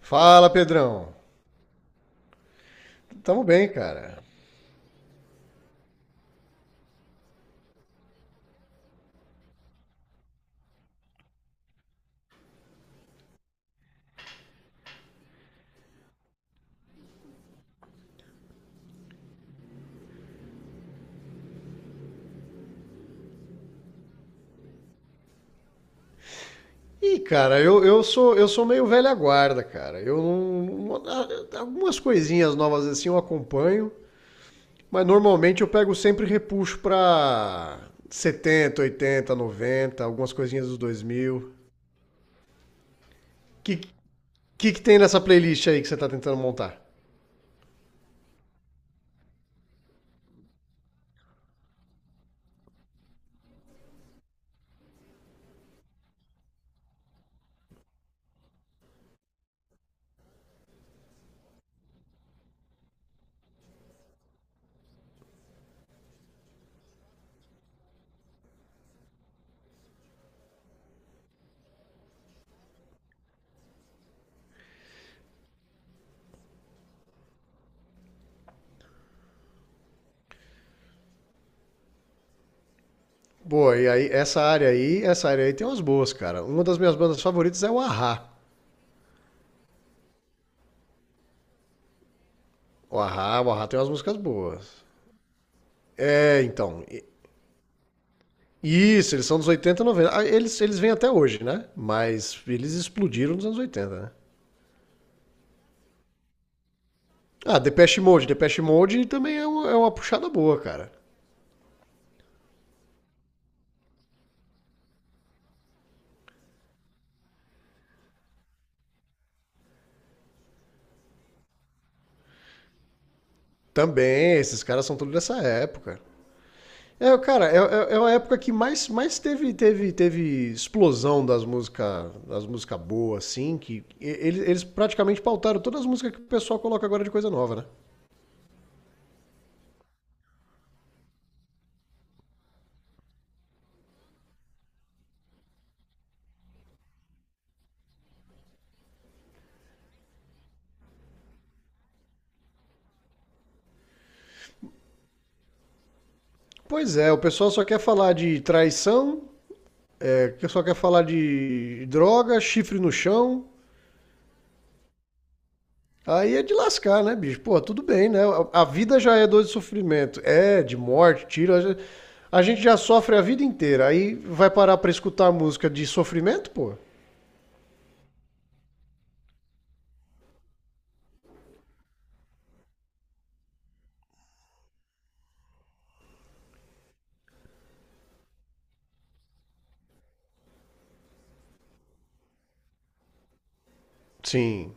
Fala, Pedrão. Tamo bem, cara. Ih, cara, eu sou meio velha guarda, cara. Eu não, não- a- algumas coisinhas novas assim eu acompanho, mas normalmente eu pego sempre repuxo pra 70, 80, 90, algumas coisinhas dos 2000. Que que que tem nessa playlist aí que você tá tentando montar? Boa, e aí essa área aí, essa área aí tem umas boas, cara. Uma das minhas bandas favoritas é o Ahá. O Ahá tem umas músicas boas. É, então, Isso, eles são dos 80, 90. Ah, eles vêm até hoje, né? Mas eles explodiram nos anos 80, né? Ah, Depeche Mode. Depeche Mode também é uma puxada boa, cara. Também, esses caras são todos dessa época. É, cara, é uma época que mais teve explosão das músicas das música boas, assim, que eles praticamente pautaram todas as músicas que o pessoal coloca agora de coisa nova, né? Pois é, o pessoal só quer falar de traição, só quer falar de droga, chifre no chão. Aí é de lascar, né, bicho? Pô, tudo bem, né? A vida já é dor de sofrimento. É, de morte, tiro. A gente já sofre a vida inteira. Aí vai parar pra escutar música de sofrimento, pô? Sim.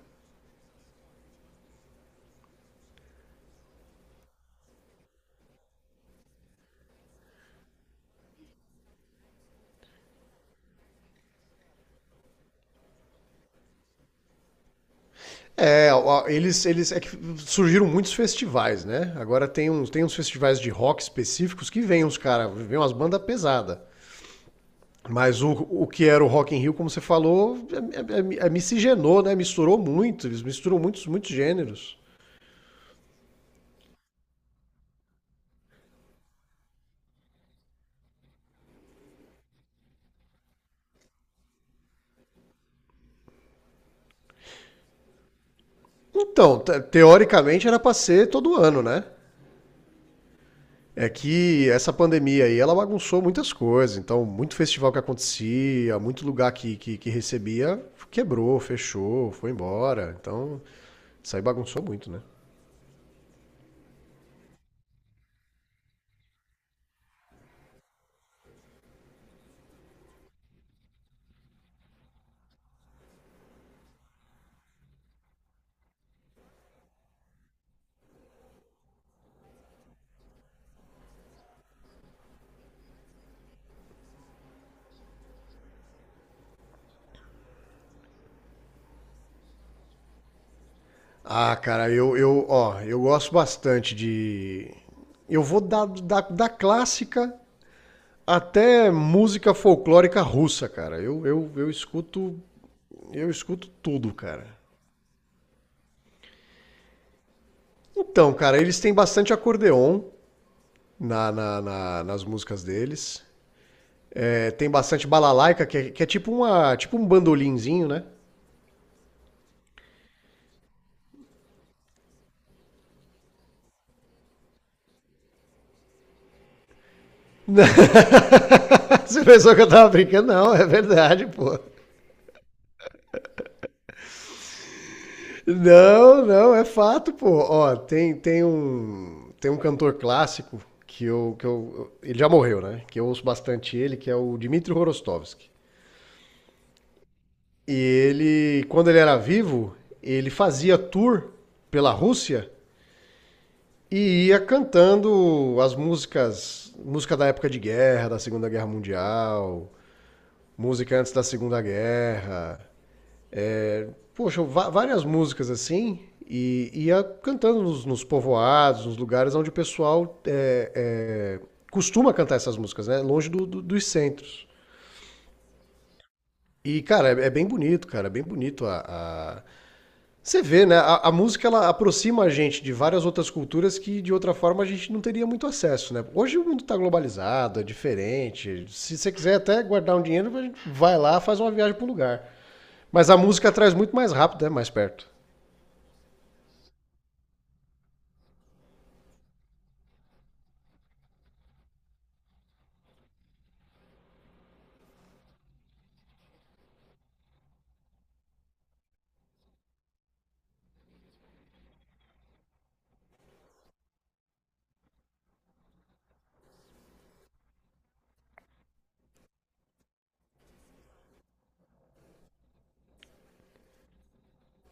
É, ó, eles, eles. É que surgiram muitos festivais, né? Agora tem uns festivais de rock específicos que vem uns caras, vem umas bandas pesadas. Mas o que era o Rock in Rio, como você falou, é, miscigenou, né? Misturou muito. Eles misturam muitos gêneros. Então, teoricamente era para ser todo ano, né? É que essa pandemia aí, ela bagunçou muitas coisas. Então, muito festival que acontecia, muito lugar que recebia, quebrou, fechou, foi embora. Então, isso aí bagunçou muito, né? Ah, cara, eu, gosto bastante de. Eu vou da clássica até música folclórica russa, cara. Eu escuto tudo, cara. Então, cara, eles têm bastante acordeon nas músicas deles. É, tem bastante balalaica, que é tipo, uma, tipo um bandolinzinho, né? Não, Você pensou que eu tava brincando? Não, é verdade, pô. Não, não, é fato, pô. Ó, tem um cantor clássico que eu. Ele já morreu, né? Que eu ouço bastante ele, que é o Dmitry Horostovsky. E ele, quando ele era vivo, ele fazia tour pela Rússia. E ia cantando as músicas, música da época de guerra, da Segunda Guerra Mundial, música antes da Segunda Guerra. Poxa, várias músicas assim. E ia cantando nos povoados, nos lugares onde o pessoal costuma cantar essas músicas, né? Longe dos centros. E, cara, é bem bonito, cara. É bem bonito. A- Você vê, né? A música ela aproxima a gente de várias outras culturas que de outra forma a gente não teria muito acesso, né? Hoje o mundo está globalizado, é diferente. Se você quiser até guardar um dinheiro, a gente vai lá, faz uma viagem para o lugar. Mas a música traz muito mais rápido, né? Mais perto.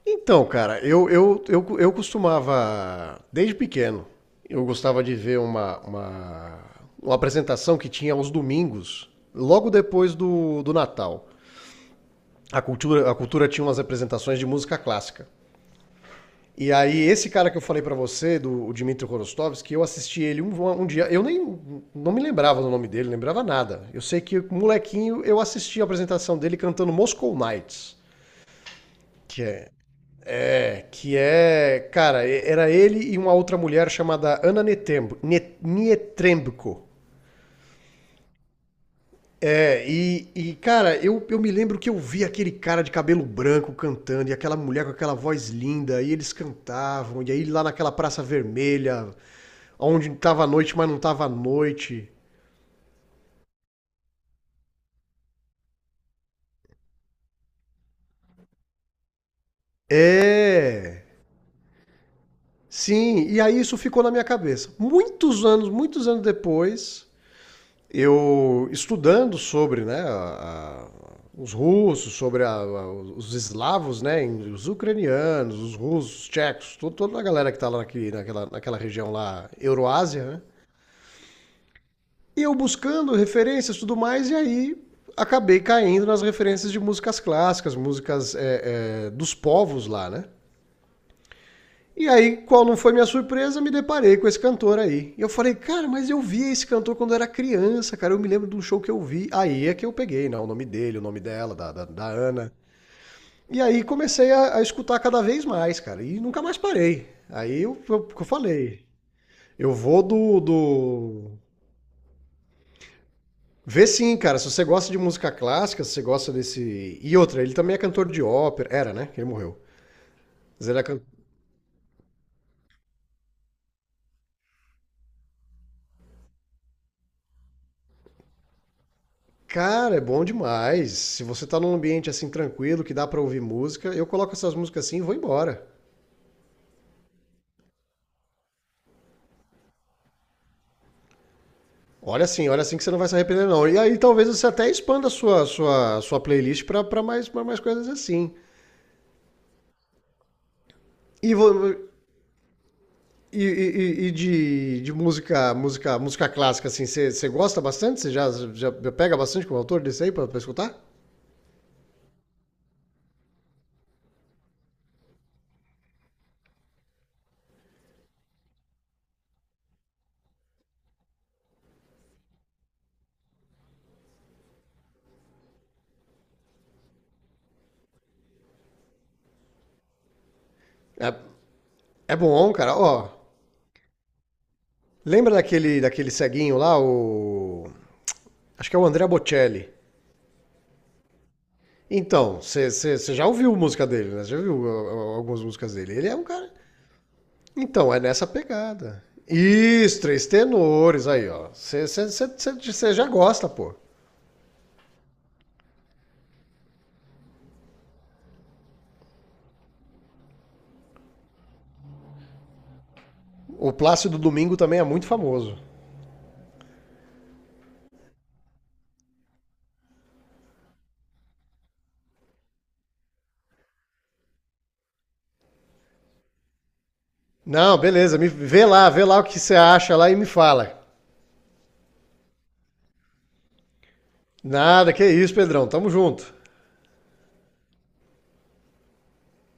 Então, cara, eu costumava, desde pequeno, eu gostava de ver uma apresentação que tinha aos domingos, logo depois do Natal. A cultura tinha umas apresentações de música clássica. E aí, esse cara que eu falei pra você, do o Dmitry Korostovski, eu assisti ele um dia. Eu nem, não me lembrava do nome dele, lembrava nada. Eu sei que, molequinho, eu assisti a apresentação dele cantando Moscow Nights, que é. que é. Cara, era ele e uma outra mulher chamada Ana Netembo, Net. É, e, cara, eu me lembro que eu vi aquele cara de cabelo branco cantando e aquela mulher com aquela voz linda, e eles cantavam, e aí lá naquela Praça Vermelha, onde tava noite, mas não tava noite. É. Sim, e aí isso ficou na minha cabeça. Muitos anos depois, eu estudando sobre né, os russos, sobre os eslavos, né, os ucranianos, os russos, os tchecos, toda a galera que está lá naquela região lá, Euroásia, né? E eu buscando referências e tudo mais, e aí acabei caindo nas referências de músicas clássicas, músicas dos povos lá, né? E aí, qual não foi minha surpresa, me deparei com esse cantor aí. E eu falei, cara, mas eu vi esse cantor quando eu era criança, cara, eu me lembro de um show que eu vi. Aí é que eu peguei, né, o nome dele, o nome dela, da Ana. E aí comecei a escutar cada vez mais, cara, e nunca mais parei. Aí eu falei, eu vou do... Vê sim, cara, se você gosta de música clássica, se você gosta desse... E outra, ele também é cantor de ópera, era, né, que ele morreu. Mas ele é can- Cara, é bom demais. Se você tá num ambiente assim tranquilo, que dá pra ouvir música, eu coloco essas músicas assim e vou embora. Olha assim que você não vai se arrepender não. E aí talvez você até expanda a sua playlist pra mais coisas assim. E vo- de música clássica assim, você gosta bastante? Você já pega bastante com o autor desse aí pra, pra escutar? É, é bom, cara. Ó, lembra daquele ceguinho lá, o acho que é o André Bocelli. Então, você já ouviu música dele, né? Já ouviu ó, algumas músicas dele. Ele é um cara. Então, é nessa pegada. Isso, três tenores aí, ó. Você já gosta, pô. O Plácido Domingo também é muito famoso. Não, beleza, me, vê lá o que você acha lá e me fala. Nada, que isso, Pedrão, tamo junto.